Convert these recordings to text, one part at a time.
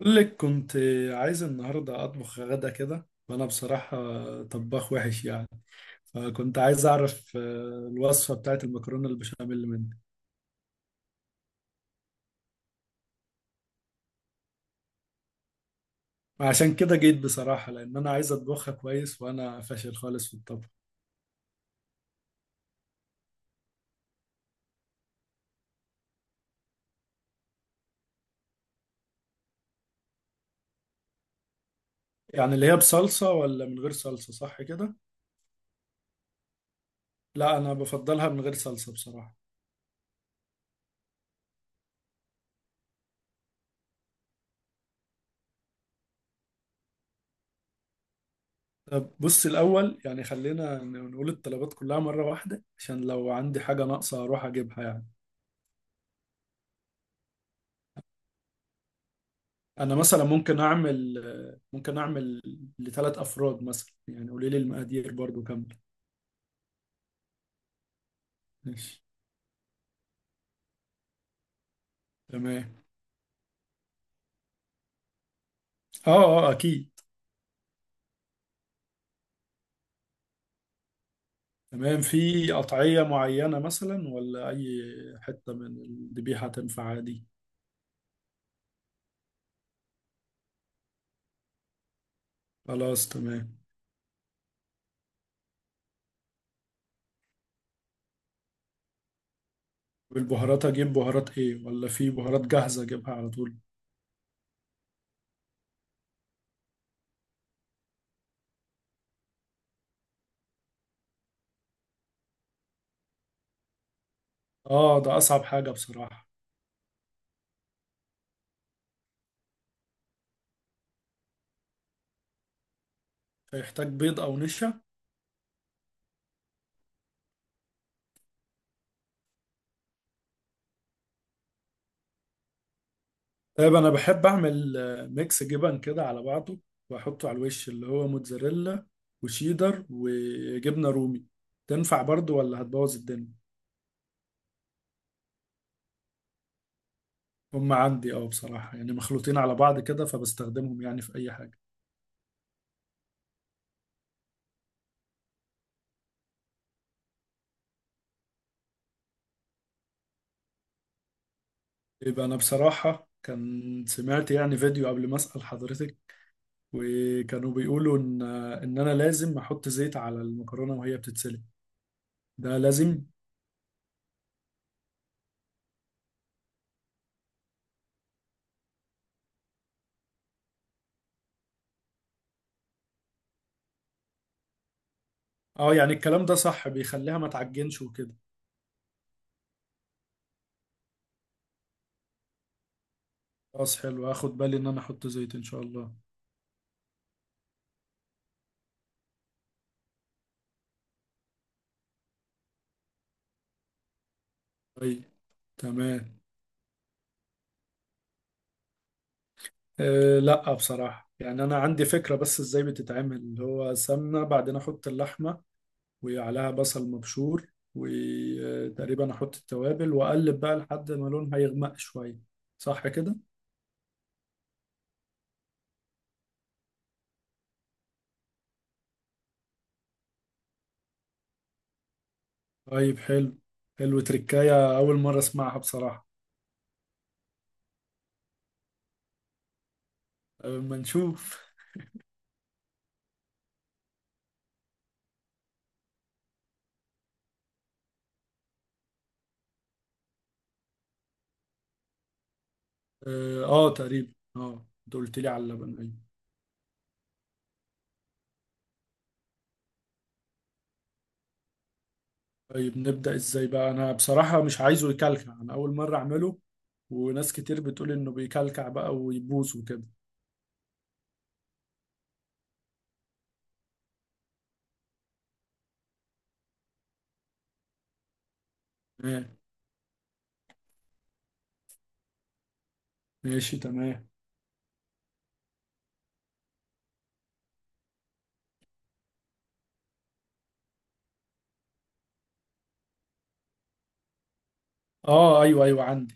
أقول لك كنت عايز النهاردة أطبخ غدا كده، وأنا بصراحة طباخ وحش يعني. فكنت عايز أعرف الوصفة بتاعت المكرونة البشاميل منك. عشان كده جيت بصراحة، لأن أنا عايز أطبخها كويس، وأنا فاشل خالص في الطبخ. يعني اللي هي بصلصة ولا من غير صلصة، صح كده؟ لا، أنا بفضلها من غير صلصة بصراحة. طب بص، الأول يعني خلينا نقول الطلبات كلها مرة واحدة عشان لو عندي حاجة ناقصة أروح أجيبها يعني. انا مثلا ممكن اعمل ل3 افراد مثلا، يعني قولي لي المقادير برضو كامله. ماشي. تمام. اه اه، اكيد. تمام. في قطعيه معينه مثلا ولا اي حته من الذبيحه تنفع عادي؟ خلاص، تمام. والبهارات اجيب بهارات ايه، ولا في بهارات جاهزه اجيبها على طول؟ اه، ده اصعب حاجه بصراحه. هيحتاج بيض او نشا؟ طيب انا بحب اعمل ميكس جبن كده على بعضه، واحطه على الوش اللي هو موتزاريلا وشيدر وجبنه رومي. تنفع برضو ولا هتبوظ الدنيا؟ هم عندي اه بصراحه، يعني مخلوطين على بعض كده فبستخدمهم يعني في اي حاجه. يبقى انا بصراحه كان سمعت يعني فيديو قبل ما اسال حضرتك، وكانوا بيقولوا ان انا لازم احط زيت على المكرونه وهي بتتسلق. ده لازم؟ اه، يعني الكلام ده صح، بيخليها ما تعجنش وكده؟ خلاص حلو، هاخد بالي ان انا احط زيت ان شاء الله. طيب. تمام. أه لا بصراحة، يعني أنا عندي فكرة بس إزاي بتتعمل، اللي هو سمنة بعدين أحط اللحمة، وعليها بصل مبشور، وتقريبا أحط التوابل وأقلب بقى لحد ما لونها يغمق شوية. صح كده؟ طيب حلو. حلو، تركاية أول مرة أسمعها بصراحة. أه، ما نشوف. أه، تقريبا أنت قلت لي على اللبن، أيوة. طيب، نبدأ ازاي بقى؟ انا بصراحة مش عايزه يكلكع، انا اول مرة اعمله، وناس كتير بتقول انه بيكلكع بقى ويبوظ وكده. تمام. ماشي، تمام. اه، ايوه ايوه، عندي.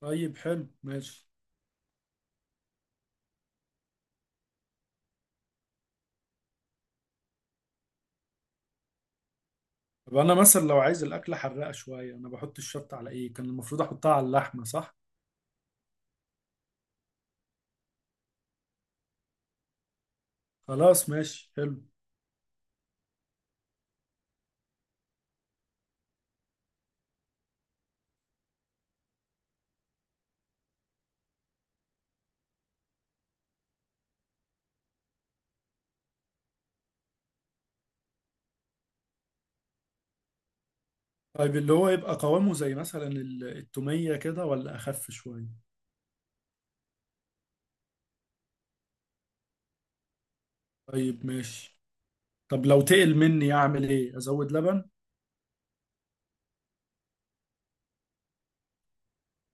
طيب حلو، ماشي. طب انا مثلا لو عايز الاكلة حراقة شوية، انا بحط الشطة على ايه؟ كان المفروض احطها على اللحمة صح؟ خلاص ماشي، حلو. طيب اللي هو يبقى قوامه زي مثلا التومية كده، ولا اخف شوية؟ طيب ماشي. طب لو تقل مني اعمل ايه، ازود لبن؟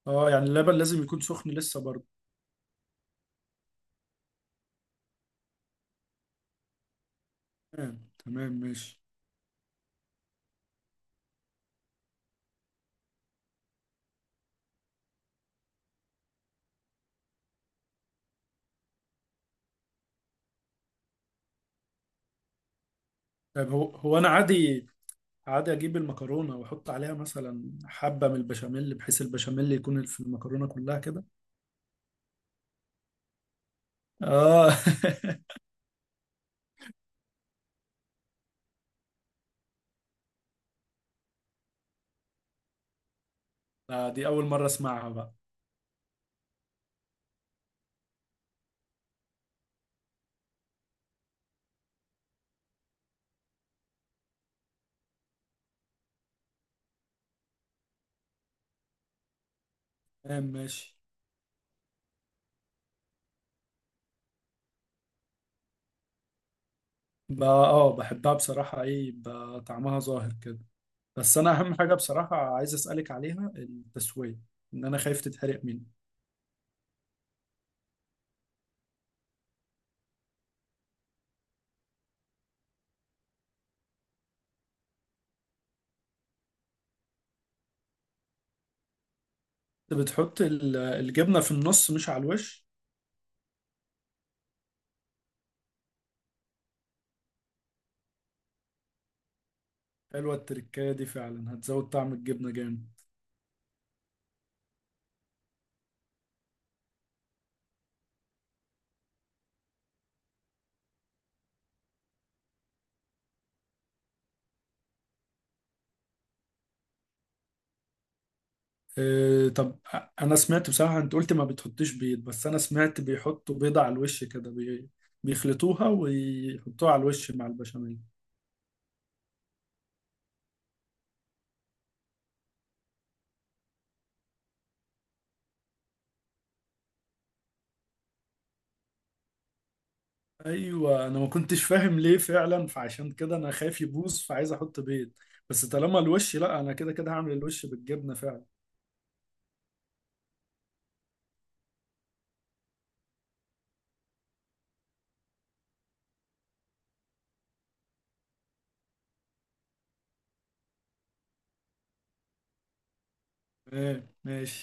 اه يعني اللبن لازم يكون سخن لسه برضه؟ تمام تمام، ماشي. طيب، هو هو انا عادي اجيب المكرونه واحط عليها مثلا حبه من البشاميل، بحيث البشاميل يكون في المكرونه كلها كده؟ اه. دي اول مره اسمعها بقى. تمام ماشي. بقى اه، بحبها بصراحه، ايه بقى طعمها ظاهر كده. بس انا اهم حاجه بصراحه عايز اسالك عليها التسويه، ان انا خايف تتحرق مني. انت بتحط الجبنه في النص مش على الوش؟ حلوه التركايه دي، فعلا هتزود طعم الجبنه جامد. إيه، طب. انا سمعت بصراحة انت قلت ما بتحطيش بيض، بس انا سمعت بيحطوا بيضة على الوش كده بيخلطوها ويحطوها على الوش مع البشاميل. ايوه انا ما كنتش فاهم ليه فعلا، فعشان كده انا خايف يبوظ فعايز احط بيض. بس طالما الوش، لا انا كده كده هعمل الوش بالجبنة فعلا. تمام ماشي.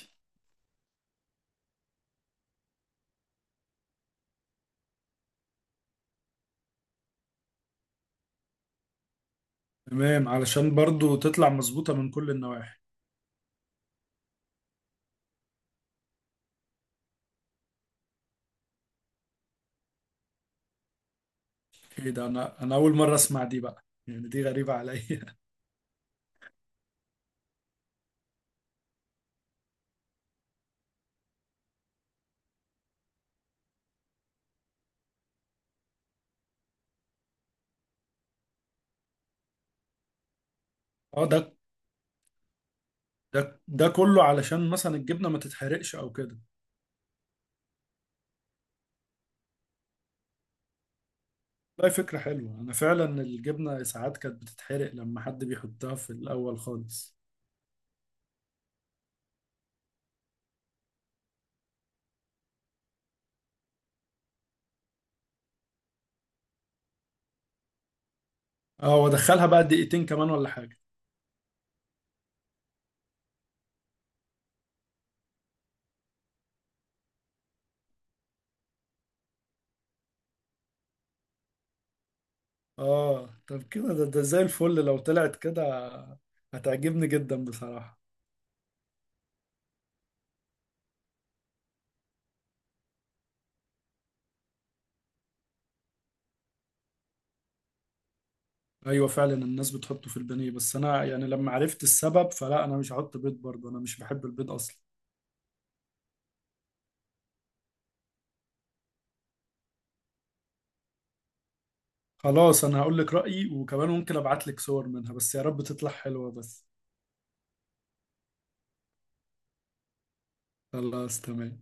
تمام، علشان برضو تطلع مظبوطة من كل النواحي. ايه ده، انا اول مرة اسمع دي بقى، يعني دي غريبة عليا. اه، ده كله علشان مثلا الجبنة ما تتحرقش او كده؟ لا، فكرة حلوة، أنا فعلا الجبنة ساعات كانت بتتحرق لما حد بيحطها في الأول خالص. اه، وأدخلها بقى دقيقتين كمان ولا حاجة؟ اه. طب كده ده زي الفل لو طلعت كده، هتعجبني جدا بصراحة. أيوة فعلا، الناس بتحطه في البانيه، بس أنا يعني لما عرفت السبب فلا، أنا مش هحط بيض برضه، أنا مش بحب البيض أصلا. خلاص، أنا هقول لك رأيي وكمان ممكن أبعت لك صور منها، بس يا رب تطلع حلوة بس. خلاص تمام.